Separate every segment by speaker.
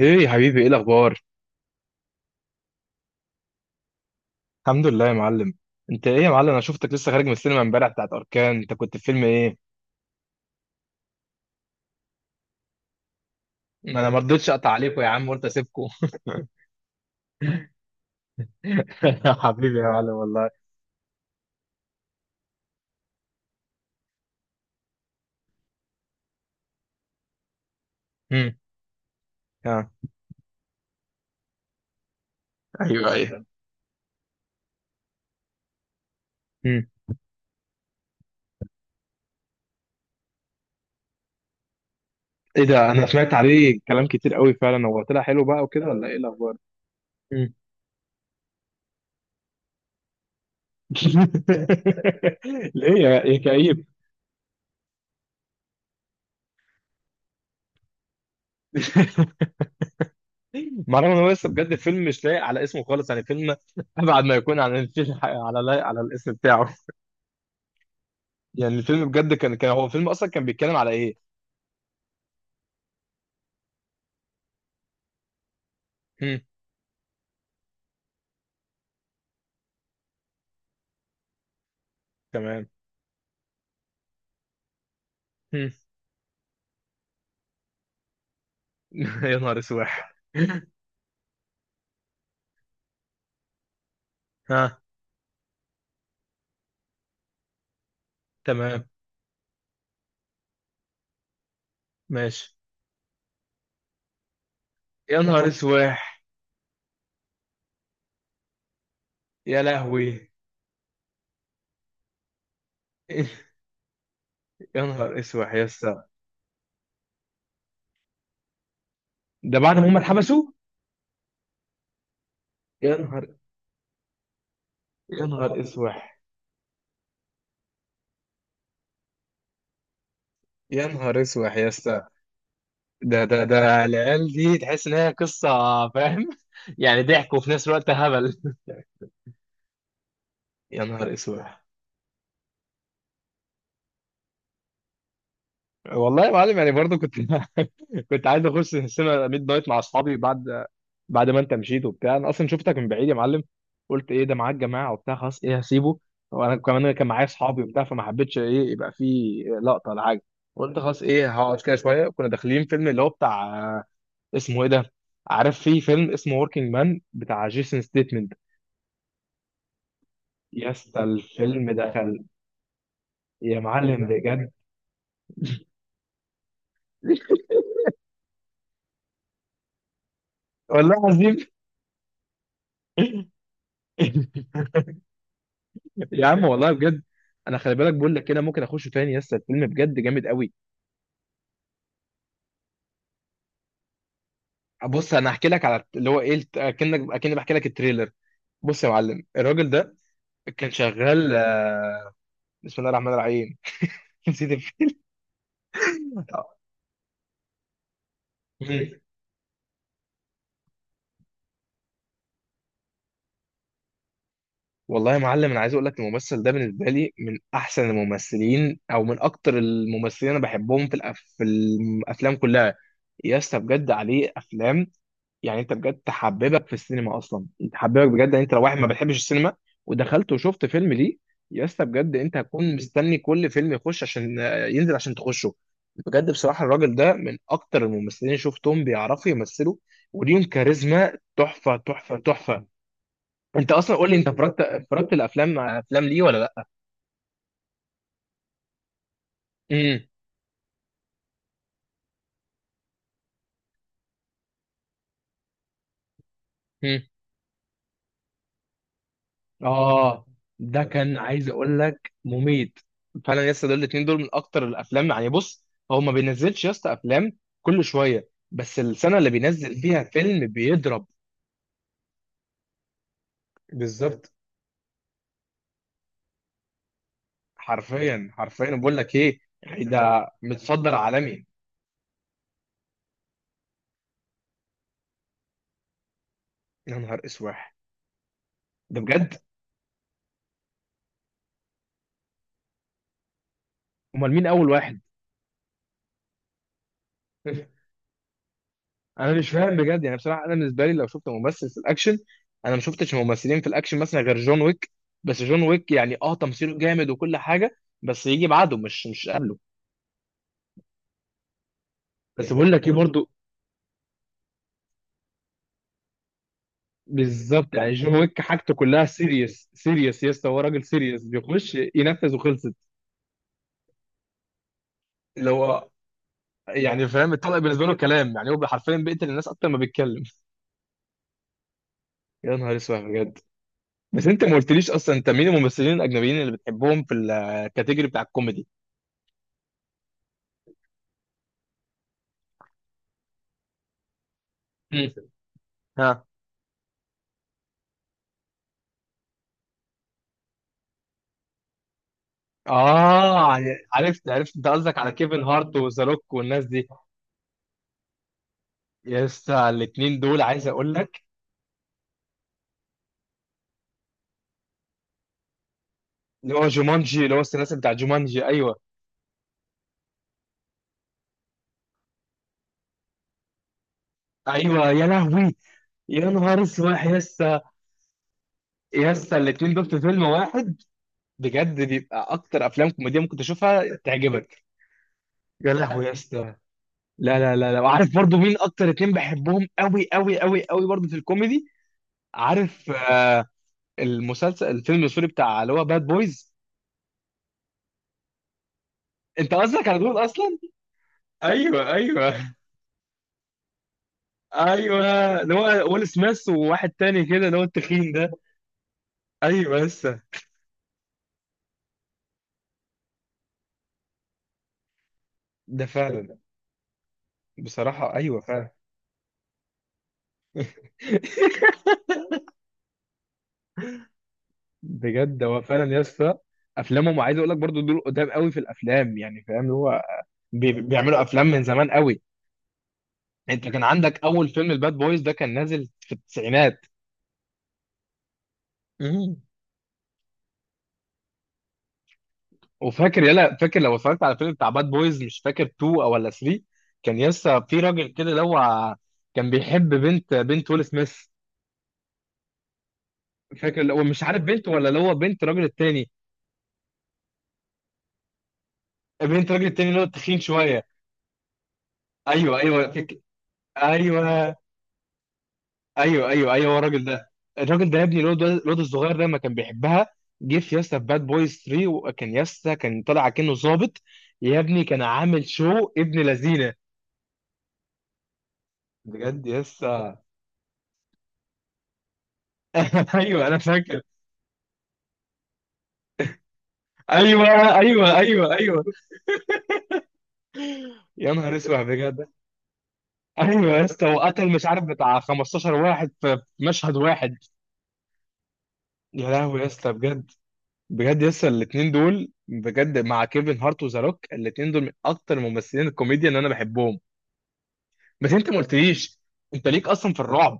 Speaker 1: ايه يا حبيبي، ايه الاخبار؟ الحمد لله يا معلم. انت ايه يا معلم؟ انا شفتك لسه خارج من السينما امبارح بتاعت اركان، انت كنت في فيلم ايه؟ ما انا ما رضيتش اقطع عليكم يا عم، قلت اسيبكم. يا حبيبي يا معلم والله. امم اه. ايوه، ايوه. امم ايه ده، انا سمعت عليه كلام كتير قوي، فعلا هو طلع حلو بقى وكده ولا ايه الاخبار؟ امم ليه يا كئيب؟ مع ان هو لسه بجد فيلم مش لايق على اسمه خالص، يعني فيلم ابعد ما يكون عن الفيلم على لايق على الاسم بتاعه. يعني الفيلم بجد كان هو الفيلم اصلا كان بيتكلم على ايه؟ هم. تمام. هم. يا نهار اسواح. ها. تمام، ماشي. يا نهار اسواح، يا لهوي. يا نهار اسواح يا اسطى. ده بعد ما هم اتحبسوا؟ يا نهار، يا نهار اسواح، يا نهار اسواح يا اسطى. ده العيال دي تحس ان هي قصه، فاهم؟ يعني ضحك وفي نفس الوقت هبل. يا نهار اسود. والله يا معلم، يعني برضه كنت كنت عايز اخش السينما ميد نايت مع اصحابي بعد ما انت مشيت وبتاع. انا اصلا شفتك من بعيد يا معلم، قلت ايه ده معاك جماعه وبتاع، خلاص ايه هسيبه. وانا كمان كان معايا اصحابي وبتاع، فما حبيتش ايه يبقى في لقطه ولا حاجه. قلت خلاص ايه هقعد كده شويه. كنا داخلين فيلم اللي هو بتاع، اسمه ايه ده؟ عارف في فيلم اسمه وركينج مان بتاع جيسون ستيتمنت. يا اسطى الفيلم دخل. يا معلم بجد، والله العظيم. يا عم والله بجد. انا خلي بالك بقول لك كده، ممكن اخشه تاني. يس، الفيلم بجد جامد قوي. بص انا هحكي لك على اللي هو ايه، اكني بحكي لك التريلر. بص يا معلم الراجل ده كان شغال، بسم الله الرحمن الرحيم. نسيت مم. والله يا معلم، انا عايز اقول لك الممثل ده بالنسبه لي من احسن الممثلين، او من اكتر الممثلين انا بحبهم في في الافلام كلها. يا اسطى بجد عليه افلام. يعني انت بجد تحببك في السينما اصلا. تحببك بجد يعني، انت لو واحد ما بتحبش السينما ودخلت وشفت فيلم ليه، يا اسطى بجد انت هتكون مستني كل فيلم يخش عشان ينزل عشان تخشه. بجد بصراحة، الراجل ده من اكتر الممثلين اللي شفتهم بيعرفوا يمثلوا، وليهم كاريزما تحفة تحفة تحفة. انت اصلا قول لي، انت اتفرجت الافلام ليه ولا لا؟ امم اه. ده كان عايز اقول لك مميت. فعلا يا اسطى دول الاثنين دول من اكتر الافلام، يعني بص هو ما بينزلش يا اسطى افلام كل شويه، بس السنه اللي بينزل فيها فيلم بيضرب. بالظبط. حرفيا حرفيا بقول لك ايه، يعني ده متصدر عالمي. يا نهار اسواح. ده بجد؟ امال مين اول واحد؟ انا مش فاهم بجد، يعني بصراحه انا بالنسبه لي لو شفت ممثل في الاكشن، انا ما شفتش ممثلين في الاكشن مثلا غير جون ويك. بس جون ويك يعني اه تمثيله جامد وكل حاجه، بس يجي بعده مش قبله. بس بقول لك ايه برضو، بالظبط. يعني جون ويك حاجته كلها سيريس سيريس يا اسطى، هو راجل سيريس بيخش ينفذ وخلصت. اللي هو يعني فاهم، الطلق بالنسبه له كلام، يعني هو حرفيا بيقتل الناس اكتر ما بيتكلم. يا نهار اسود بجد. بس انت ما قلتليش اصلا، انت مين الممثلين الاجنبيين اللي بتحبهم في الكاتيجوري بتاع الكوميدي؟ مم. ها. اه، عرفت انت قصدك على كيفن هارت وذا روك والناس دي. لسه الاثنين دول عايز اقول لك، اللي هو جومانجي اللي هو الثلاثي بتاع جومانجي، ايوه. ايوه، يا لهوي. يا نهار اسود يسا. يسا الاثنين دول في فيلم واحد، بجد بيبقى اكتر افلام كوميديه ممكن تشوفها تعجبك. يا لهوي يسا. لا لا لا لا، وعارف برضو مين اكتر اتنين بحبهم قوي قوي قوي قوي برضو في الكوميدي؟ عارف المسلسل الفيلم السوري بتاع اللي هو باد بويز. انت قصدك على دول اصلا؟ ايوه ايوه ايوه. اللي هو ويل سميث وواحد تاني كده اللي هو التخين ده. ايوه لسه. ده فعلا. بصراحه ايوه فعلا. بجد هو فعلا يا اسطى. افلامهم عايز اقول لك برضو دول قدام قوي في الافلام، يعني فاهم اللي هو بيعملوا افلام من زمان قوي. انت كان عندك اول فيلم الباد بويز ده كان نازل في التسعينات. مم. وفاكر يلا، فاكر لو اتفرجت على فيلم بتاع باد بويز، مش فاكر 2 او ولا 3، كان يسا في راجل كده اللي هو كان بيحب بنت ويل سميث. فاكر اللي هو مش عارف بنت ولا اللي هو بنت الراجل التاني، بنت الراجل التاني اللي هو التخين شويه. ايوه ايوه ايوه ايوه ايوه ايوه. هو الراجل ده. الراجل ده يا ابني، الواد الصغير ده ما كان بيحبها، جه في ياسا في باد بويز 3 وكان ياسا كان طالع كأنه ظابط، يا ابني كان عامل شو، ابن لذينه. بجد ياسا. ايوه انا فاكر. ايوه ايوه ايوه ايوه. يا نهار اسود بجد. ايوه يا اسطى، وقتل مش عارف بتاع 15 واحد في مشهد واحد. يا لهوي يا اسطى بجد. بجد لسه الاثنين دول بجد، مع كيفن هارت وذا روك، الاثنين دول من اكتر ممثلين الكوميديا اللي انا بحبهم. بس انت ما قلتليش، انت ليك اصلا في الرعب؟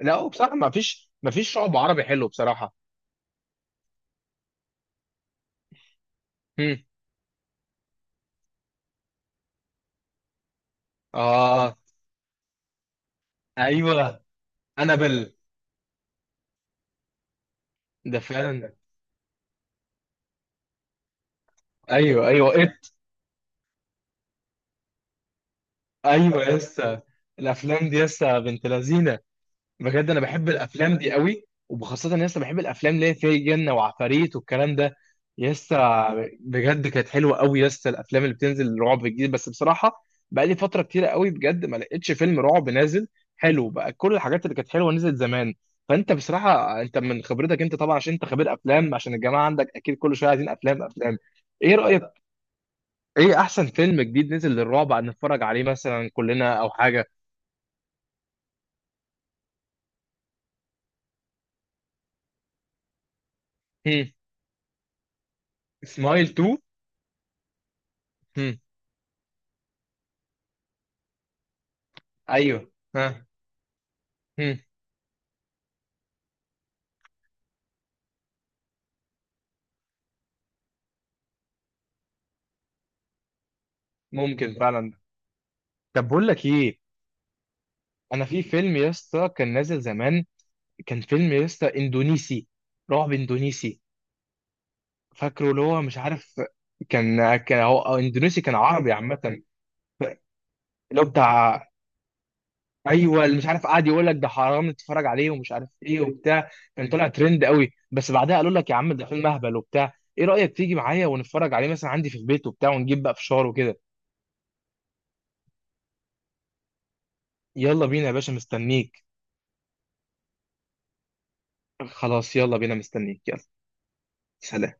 Speaker 1: لا بصراحه، ما فيش رعب عربي حلو بصراحه. هم. اه، ايوه. انابل. ده فعلا. ايوه ايوه، إيه؟ ايوه لسه. الافلام دي لسه بنت لذينه. بجد انا بحب الافلام دي قوي، وبخاصه ان لسه بحب الافلام اللي هي فيها جن وعفاريت والكلام ده. لسه بجد كانت حلوه قوي، لسه الافلام اللي بتنزل رعب جديد بس بصراحه بقى لي فتره كتيره قوي بجد ما لقيتش فيلم رعب نازل حلو بقى، كل الحاجات اللي كانت حلوه نزلت زمان. فانت بصراحه، انت من خبرتك انت طبعا، عشان انت خبير افلام عشان الجماعه عندك اكيد كل شويه عايزين افلام ايه رايك، ايه احسن فيلم جديد نزل للرعب عن نتفرج عليه مثلا كلنا او حاجه؟ هم. سمايل 2. هم. ايوه. ها. مم. ممكن فعلا. طب بقول لك ايه، انا في فيلم يا اسطى كان نازل زمان، كان فيلم يا اسطى اندونيسي، رعب اندونيسي، فاكره اللي هو مش عارف، كان هو أو اندونيسي كان عربي عامه. اللي هو بتاع ايوه اللي مش عارف قاعد يقول لك ده حرام تتفرج عليه ومش عارف ايه وبتاع، كان طلع ترند قوي بس بعدها قالوا لك يا عم ده فيلم اهبل وبتاع. ايه رايك تيجي معايا ونتفرج عليه مثلا عندي في البيت وبتاع، ونجيب بقى فشار وكده. يلا بينا يا باشا، مستنيك. خلاص يلا بينا، مستنيك يلا. سلام.